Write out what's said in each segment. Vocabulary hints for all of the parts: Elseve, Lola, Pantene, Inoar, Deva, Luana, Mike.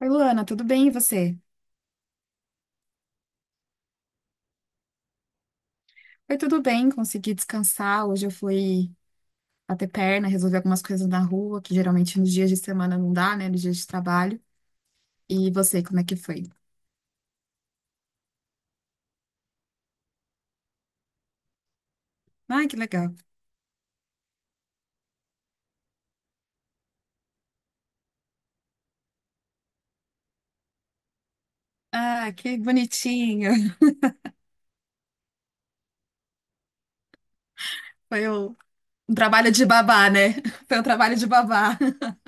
Oi, Luana, tudo bem e você? Foi tudo bem, consegui descansar. Hoje eu fui bater perna, resolver algumas coisas na rua, que geralmente nos dias de semana não dá, né? Nos dias de trabalho. E você, como é que foi? Ai, que legal. Ah, que bonitinho. Foi o- um trabalho de babá, né? Foi um trabalho de babá.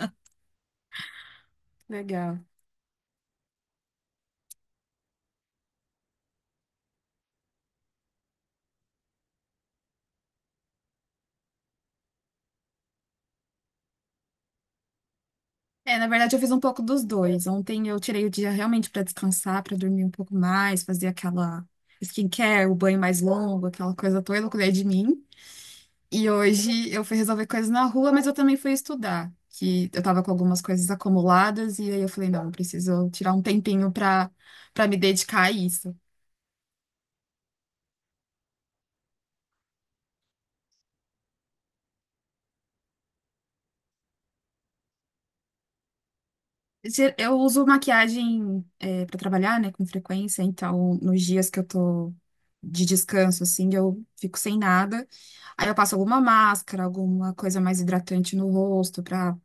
Legal. É, na verdade eu fiz um pouco dos dois. Ontem eu tirei o dia realmente para descansar, para dormir um pouco mais, fazer aquela skincare, o banho mais longo, aquela coisa toda, eu cuidei de mim. E hoje eu fui resolver coisas na rua, mas eu também fui estudar, que eu tava com algumas coisas acumuladas e aí eu falei, não, eu preciso tirar um tempinho pra para me dedicar a isso. Eu uso maquiagem para trabalhar, né, com frequência, então nos dias que eu tô de descanso assim, eu fico sem nada. Aí eu passo alguma máscara, alguma coisa mais hidratante no rosto pra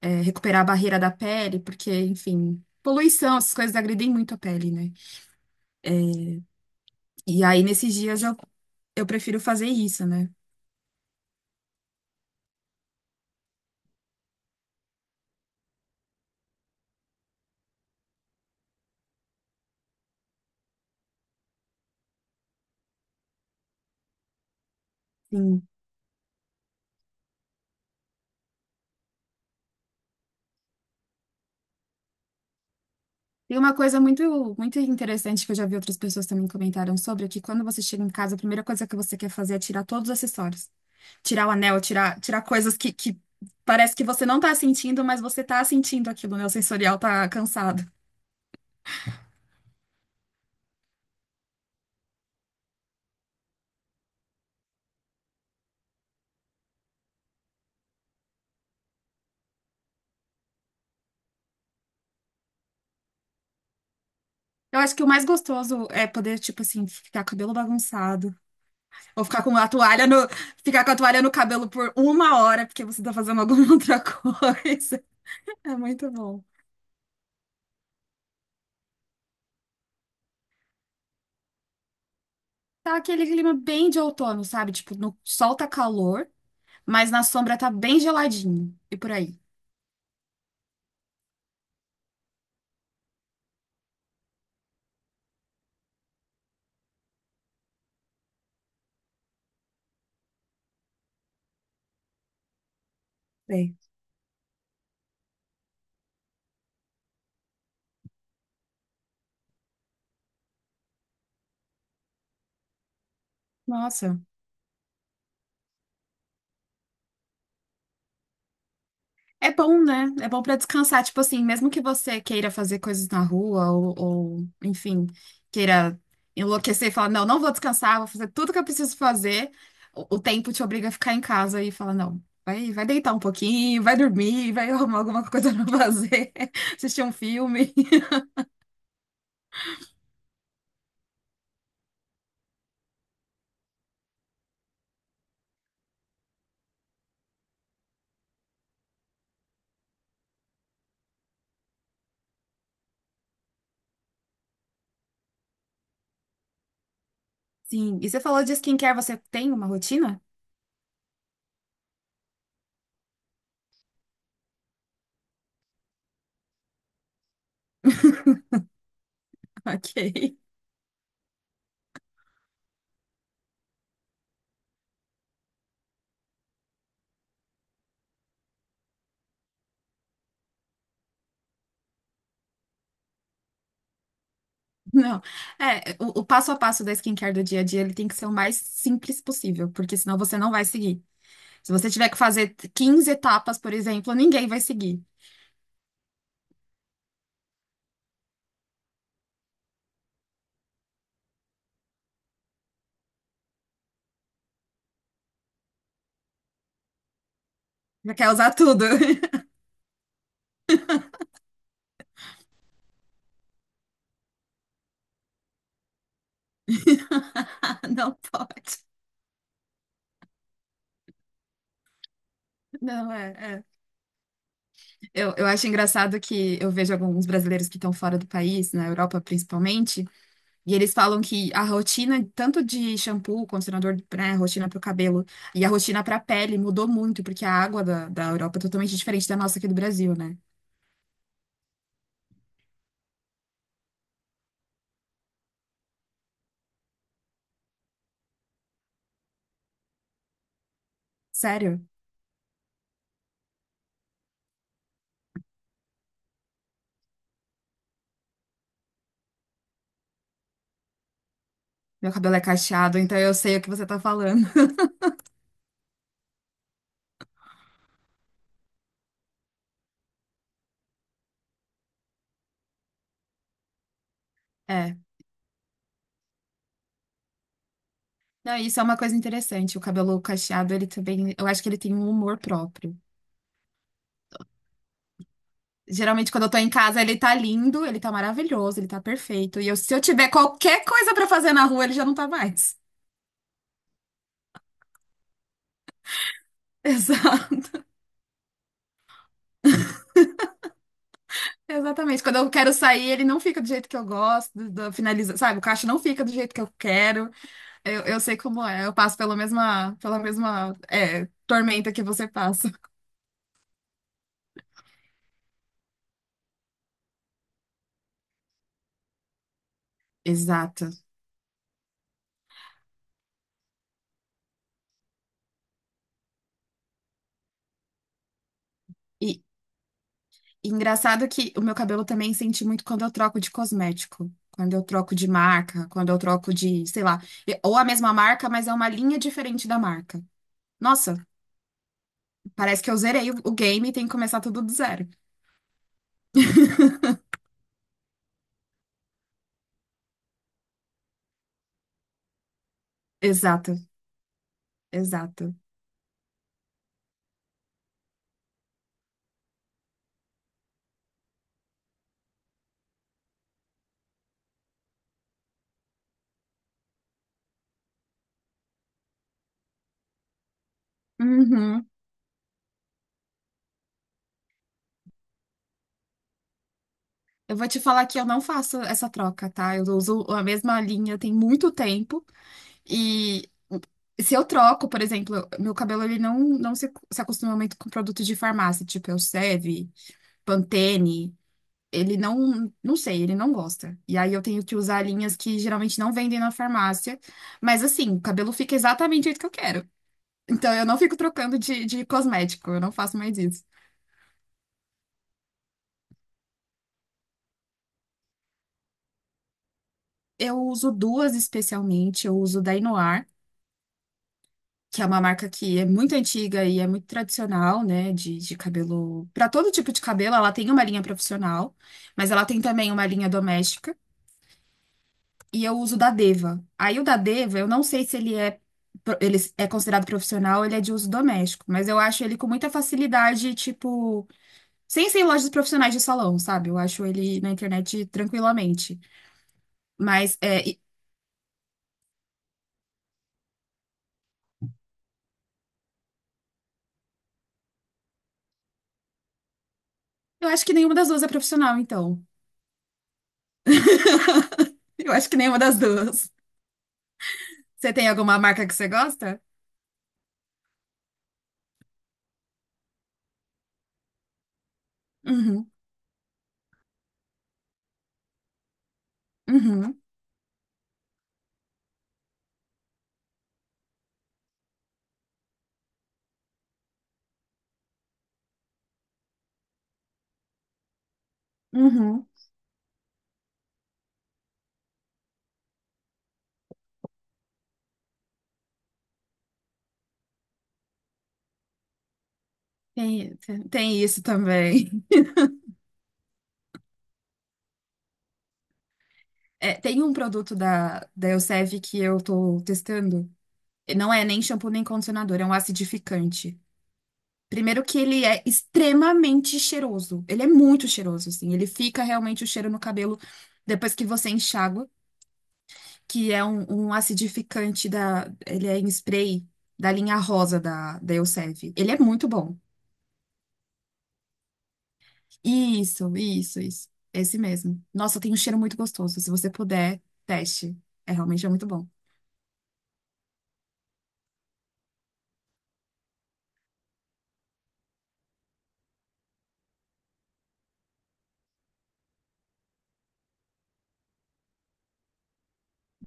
recuperar a barreira da pele, porque, enfim, poluição, essas coisas agridem muito a pele, né? E aí, nesses dias, eu prefiro fazer isso, né? Sim. Tem uma coisa muito, muito interessante que eu já vi outras pessoas também comentaram sobre, é que quando você chega em casa, a primeira coisa que você quer fazer é tirar todos os acessórios. Tirar o anel, tirar coisas que parece que você não tá sentindo, mas você tá sentindo aquilo, né? O sensorial tá cansado. Eu acho que o mais gostoso é poder, tipo assim, ficar com o cabelo bagunçado. Ou ficar com a toalha no, ficar com a toalha no cabelo por uma hora, porque você tá fazendo alguma outra coisa. É muito bom. Tá aquele clima bem de outono, sabe? Tipo, no sol tá calor, mas na sombra tá bem geladinho. E por aí. Sei. Nossa. É bom, né? É bom pra descansar. Tipo assim, mesmo que você queira fazer coisas na rua enfim, queira enlouquecer e falar, não, não vou descansar, vou fazer tudo que eu preciso fazer. O tempo te obriga a ficar em casa e fala, não, vai deitar um pouquinho, vai dormir, vai arrumar alguma coisa pra fazer, assistir um filme. Sim. E você falou de skincare, você tem uma rotina? Ok. Não, é, O passo a passo da skincare do dia a dia, ele tem que ser o mais simples possível, porque senão você não vai seguir. Se você tiver que fazer 15 etapas, por exemplo, ninguém vai seguir. Já quer usar tudo. Não pode. Não, é, é. Eu acho engraçado que eu vejo alguns brasileiros que estão fora do país, na Europa principalmente, e eles falam que a rotina, tanto de shampoo, condicionador, né, rotina para o cabelo, e a rotina para a pele mudou muito, porque a água da Europa é totalmente diferente da nossa aqui do Brasil, né? Sério? Meu cabelo é cacheado, então eu sei o que você tá falando. É. Não, isso é uma coisa interessante. O cabelo cacheado, ele também, eu acho que ele tem um humor próprio. Geralmente, quando eu tô em casa, ele tá lindo, ele tá maravilhoso, ele tá perfeito. E se eu tiver qualquer coisa pra fazer na rua, ele já não tá mais. Exato. Exatamente. Quando eu quero sair, ele não fica do jeito que eu gosto, finaliza, sabe? O cacho não fica do jeito que eu quero. Eu sei como é. Eu passo pela mesma, tormenta que você passa. Exato. E, E engraçado que o meu cabelo também senti muito quando eu troco de cosmético, quando eu troco de marca, quando eu troco de, sei lá, ou a mesma marca, mas é uma linha diferente da marca. Nossa, parece que eu zerei o game e tem que começar tudo do zero. Exato, exato. Uhum. Eu vou te falar que eu não faço essa troca, tá? Eu uso a mesma linha tem muito tempo e se eu troco, por exemplo, meu cabelo ele não, não se acostuma muito com produto de farmácia, tipo Elseve, Pantene. Ele não sei, ele não gosta. E aí eu tenho que usar linhas que geralmente não vendem na farmácia. Mas assim, o cabelo fica exatamente do jeito que eu quero. Então eu não fico trocando de cosmético, eu não faço mais isso. Eu uso duas especialmente, eu uso da Inoar, que é uma marca que é muito antiga e é muito tradicional, né, de cabelo. Para todo tipo de cabelo, ela tem uma linha profissional, mas ela tem também uma linha doméstica. E eu uso o da Deva. Aí o da Deva, eu não sei se ele é ele é considerado profissional, ele é de uso doméstico, mas eu acho ele com muita facilidade, tipo, sem ser em lojas profissionais de salão, sabe? Eu acho ele na internet tranquilamente. Mas é, e- eu acho que nenhuma das duas é profissional, então. Eu acho que nenhuma das duas. Você tem alguma marca que você gosta? Uhum, uhum, uhum. Tem, tem tem isso também. É, tem um produto da Elseve que eu tô testando. Não é nem shampoo nem condicionador, é um acidificante. Primeiro que ele é extremamente cheiroso. Ele é muito cheiroso, assim. Ele fica realmente o cheiro no cabelo depois que você enxágua, que é um acidificante da... Ele é em spray da linha rosa da Elseve. Ele é muito bom. Isso, isso, isso. Esse mesmo. Nossa, tem um cheiro muito gostoso. Se você puder, teste. É realmente é muito bom.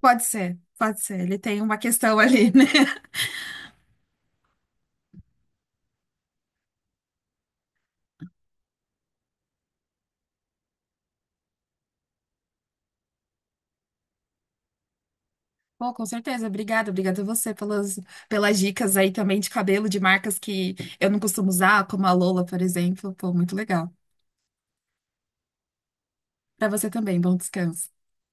Pode ser, pode ser. Ele tem uma questão ali, né? Pô, com certeza, obrigada, obrigada a você pelas, pelas dicas aí também de cabelo, de marcas que eu não costumo usar, como a Lola, por exemplo. Pô, muito legal. Pra você também, bom descanso.